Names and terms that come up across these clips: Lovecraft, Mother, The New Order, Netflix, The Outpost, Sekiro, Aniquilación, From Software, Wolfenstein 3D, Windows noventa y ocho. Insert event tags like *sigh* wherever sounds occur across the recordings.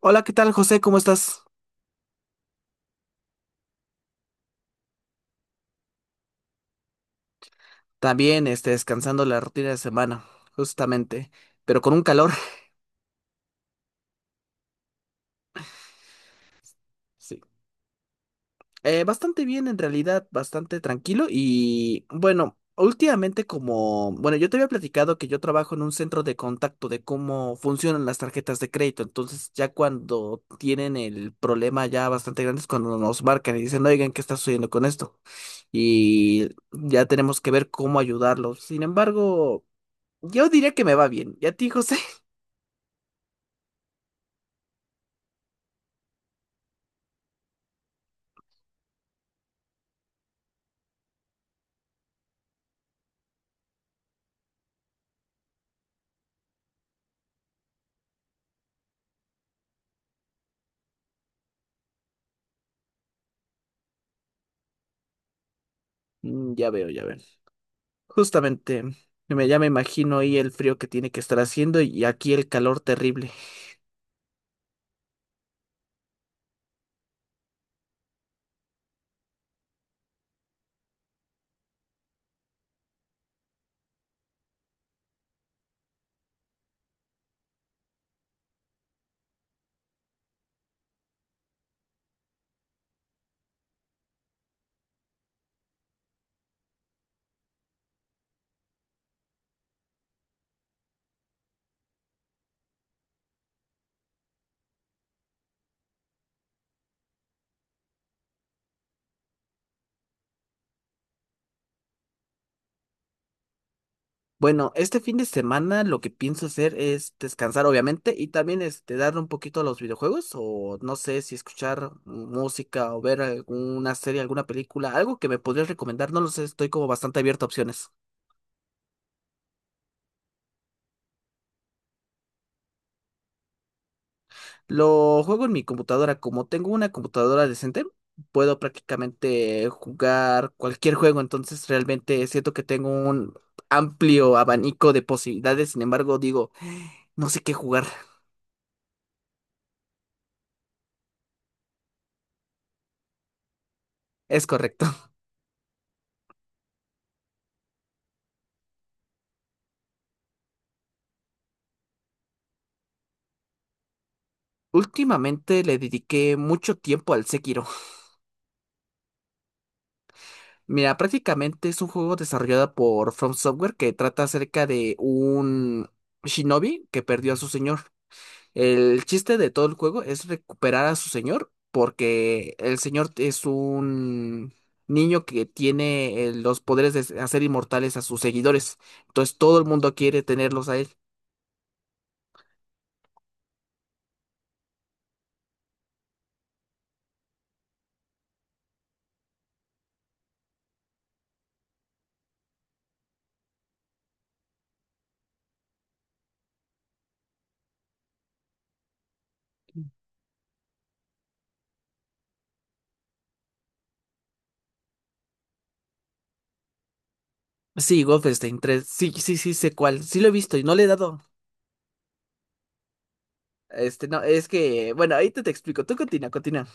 Hola, ¿qué tal, José? ¿Cómo estás? También, descansando la rutina de semana, justamente, pero con un calor. *laughs* Sí. Bastante bien, en realidad, bastante tranquilo y bueno, últimamente como, bueno, yo te había platicado que yo trabajo en un centro de contacto de cómo funcionan las tarjetas de crédito, entonces ya cuando tienen el problema ya bastante grande es cuando nos marcan y dicen, oigan, ¿qué está sucediendo con esto? Y ya tenemos que ver cómo ayudarlos. Sin embargo, yo diría que me va bien. ¿Y a ti, José? Mm, ya veo, ya veo. Justamente, ya me imagino ahí el frío que tiene que estar haciendo y aquí el calor terrible. Bueno, este fin de semana lo que pienso hacer es descansar, obviamente, y también este, darle un poquito a los videojuegos, o no sé si escuchar música o ver alguna serie, alguna película, algo que me podrías recomendar, no lo sé, estoy como bastante abierto a opciones. Lo juego en mi computadora. Como tengo una computadora decente, puedo prácticamente jugar cualquier juego. Entonces realmente siento que tengo un amplio abanico de posibilidades. Sin embargo, digo, no sé qué jugar. Es correcto. *laughs* Últimamente le dediqué mucho tiempo al Sekiro. Mira, prácticamente es un juego desarrollado por From Software que trata acerca de un shinobi que perdió a su señor. El chiste de todo el juego es recuperar a su señor, porque el señor es un niño que tiene los poderes de hacer inmortales a sus seguidores. Entonces todo el mundo quiere tenerlos a él. Sí, Wolfenstein 3. Sí, sí, sí, sé cuál. Sí lo he visto y no le he dado. Este, no, es que, bueno, te explico. Tú continúa, continúa.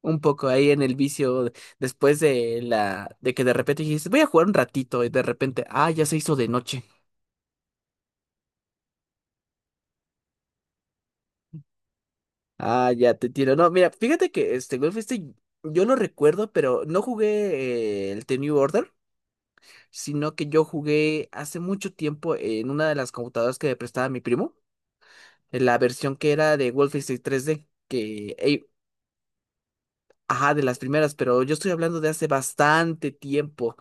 Un poco ahí en el vicio, después de la, de que de repente dijiste, voy a jugar un ratito y de repente, ah, ya se hizo de noche. Ah, ya te entiendo. No, mira, fíjate que este Golf este yo lo recuerdo, pero no jugué el The New Order, sino que yo jugué hace mucho tiempo en una de las computadoras que me prestaba mi primo, en la versión que era de Wolfenstein 3D, que, ey, ajá, de las primeras, pero yo estoy hablando de hace bastante tiempo,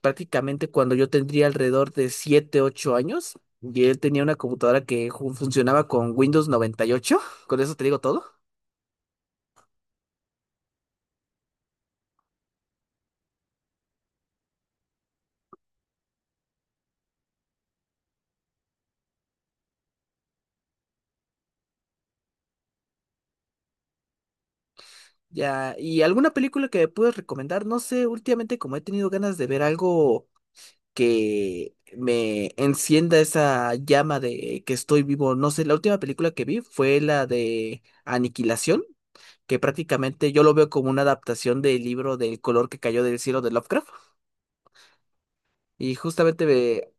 prácticamente cuando yo tendría alrededor de 7, 8 años, y él tenía una computadora que funcionaba con Windows noventa y ocho. Con eso te digo todo. Ya, ¿y alguna película que me puedes recomendar? No sé, últimamente como he tenido ganas de ver algo que me encienda esa llama de que estoy vivo, no sé, la última película que vi fue la de Aniquilación, que prácticamente yo lo veo como una adaptación del libro del color que cayó del cielo de Lovecraft. Y justamente ve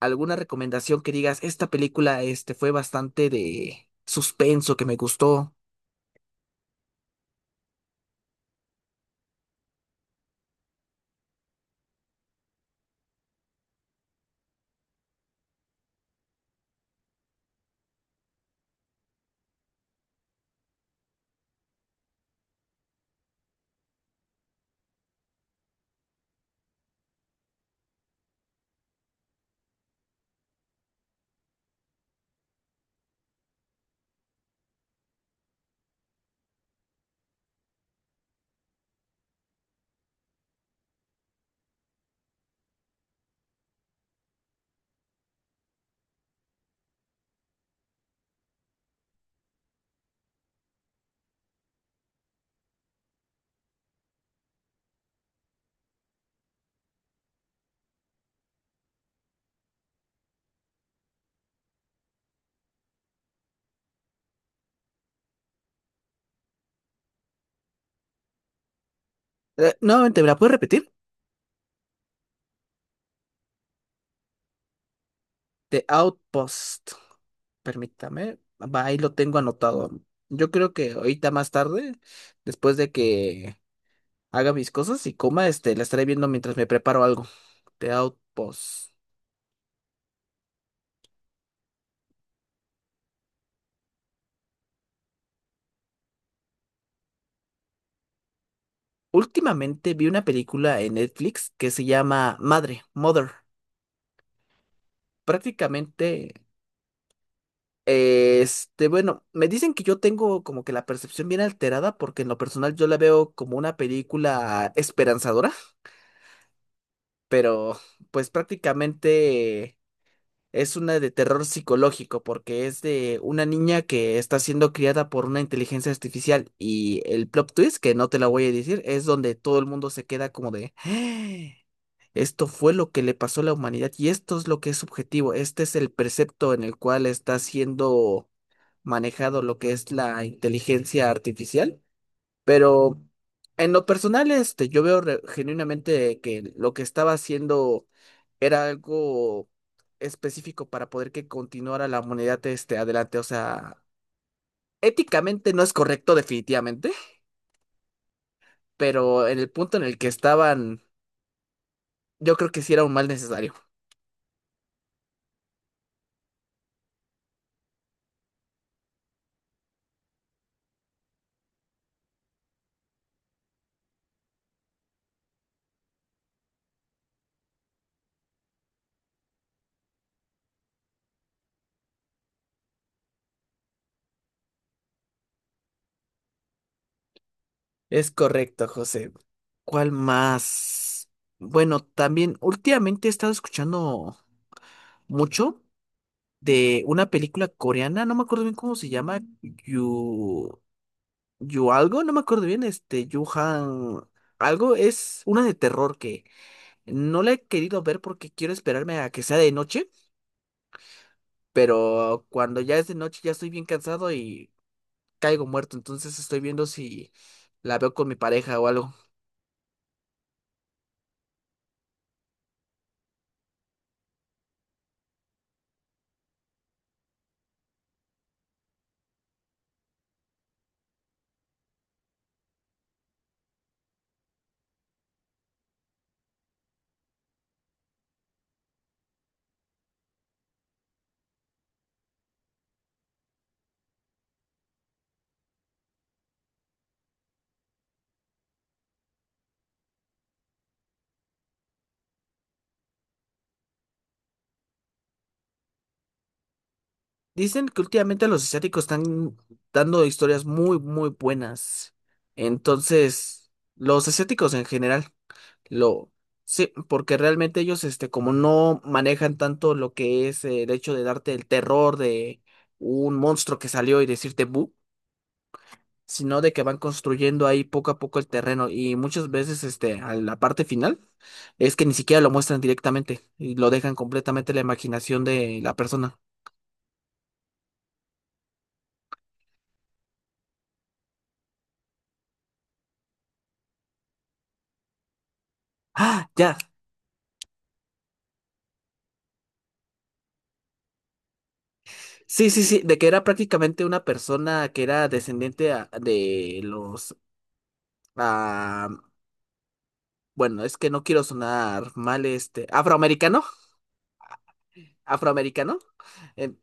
alguna recomendación que digas, esta película este, fue bastante de suspenso, que me gustó. Nuevamente, ¿me la puedes repetir? The Outpost. Permítame. Va, ahí lo tengo anotado. Yo creo que ahorita más tarde, después de que haga mis cosas y coma, este, la estaré viendo mientras me preparo algo. The Outpost. Últimamente vi una película en Netflix que se llama Madre, Mother. Prácticamente, este, bueno, me dicen que yo tengo como que la percepción bien alterada porque en lo personal yo la veo como una película esperanzadora, pero pues prácticamente es una de terror psicológico porque es de una niña que está siendo criada por una inteligencia artificial y el plot twist, que no te la voy a decir, es donde todo el mundo se queda como de, "Ah, esto fue lo que le pasó a la humanidad y esto es lo que es subjetivo, este es el precepto en el cual está siendo manejado lo que es la inteligencia artificial. Pero en lo personal, este, yo veo genuinamente que lo que estaba haciendo era algo específico para poder que continuara la humanidad este, adelante. O sea, éticamente no es correcto definitivamente, pero en el punto en el que estaban, yo creo que sí era un mal necesario. Es correcto, José. ¿Cuál más? Bueno, también últimamente he estado escuchando mucho de una película coreana, no me acuerdo bien cómo se llama, Yu... Yu algo, no me acuerdo bien, este, Yu Han algo, es una de terror que no la he querido ver porque quiero esperarme a que sea de noche, pero cuando ya es de noche ya estoy bien cansado y caigo muerto, entonces estoy viendo si la veo con mi pareja o algo. Dicen que últimamente los asiáticos están dando historias muy, muy buenas. Entonces, los asiáticos en general, lo... Sí, porque realmente ellos, este, como no manejan tanto lo que es el hecho de darte el terror de un monstruo que salió y decirte bu. Sino de que van construyendo ahí poco a poco el terreno y muchas veces este, a la parte final es que ni siquiera lo muestran directamente y lo dejan completamente a la imaginación de la persona. Ah, ya. Sí, sí, sí, de que era prácticamente una persona que era descendiente de los... ah, bueno, es que no quiero sonar mal, este, afroamericano, afroamericano, eh,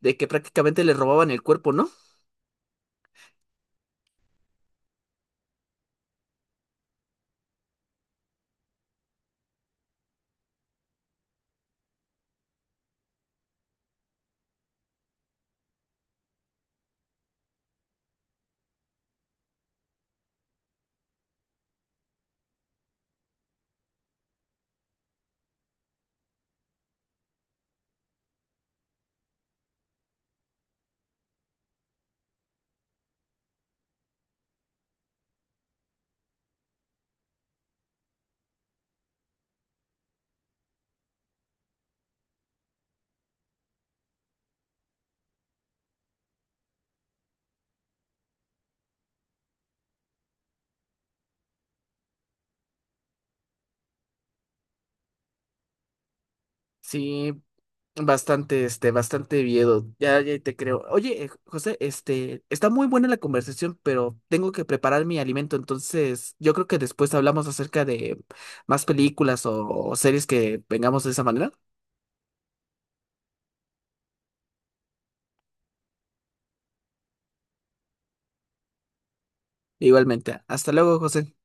de que prácticamente le robaban el cuerpo, ¿no? Sí, bastante, este, bastante miedo. Ya, ya te creo. Oye, José, este, está muy buena la conversación, pero tengo que preparar mi alimento, entonces yo creo que después hablamos acerca de más películas o series que vengamos de esa manera. Igualmente. Hasta luego, José.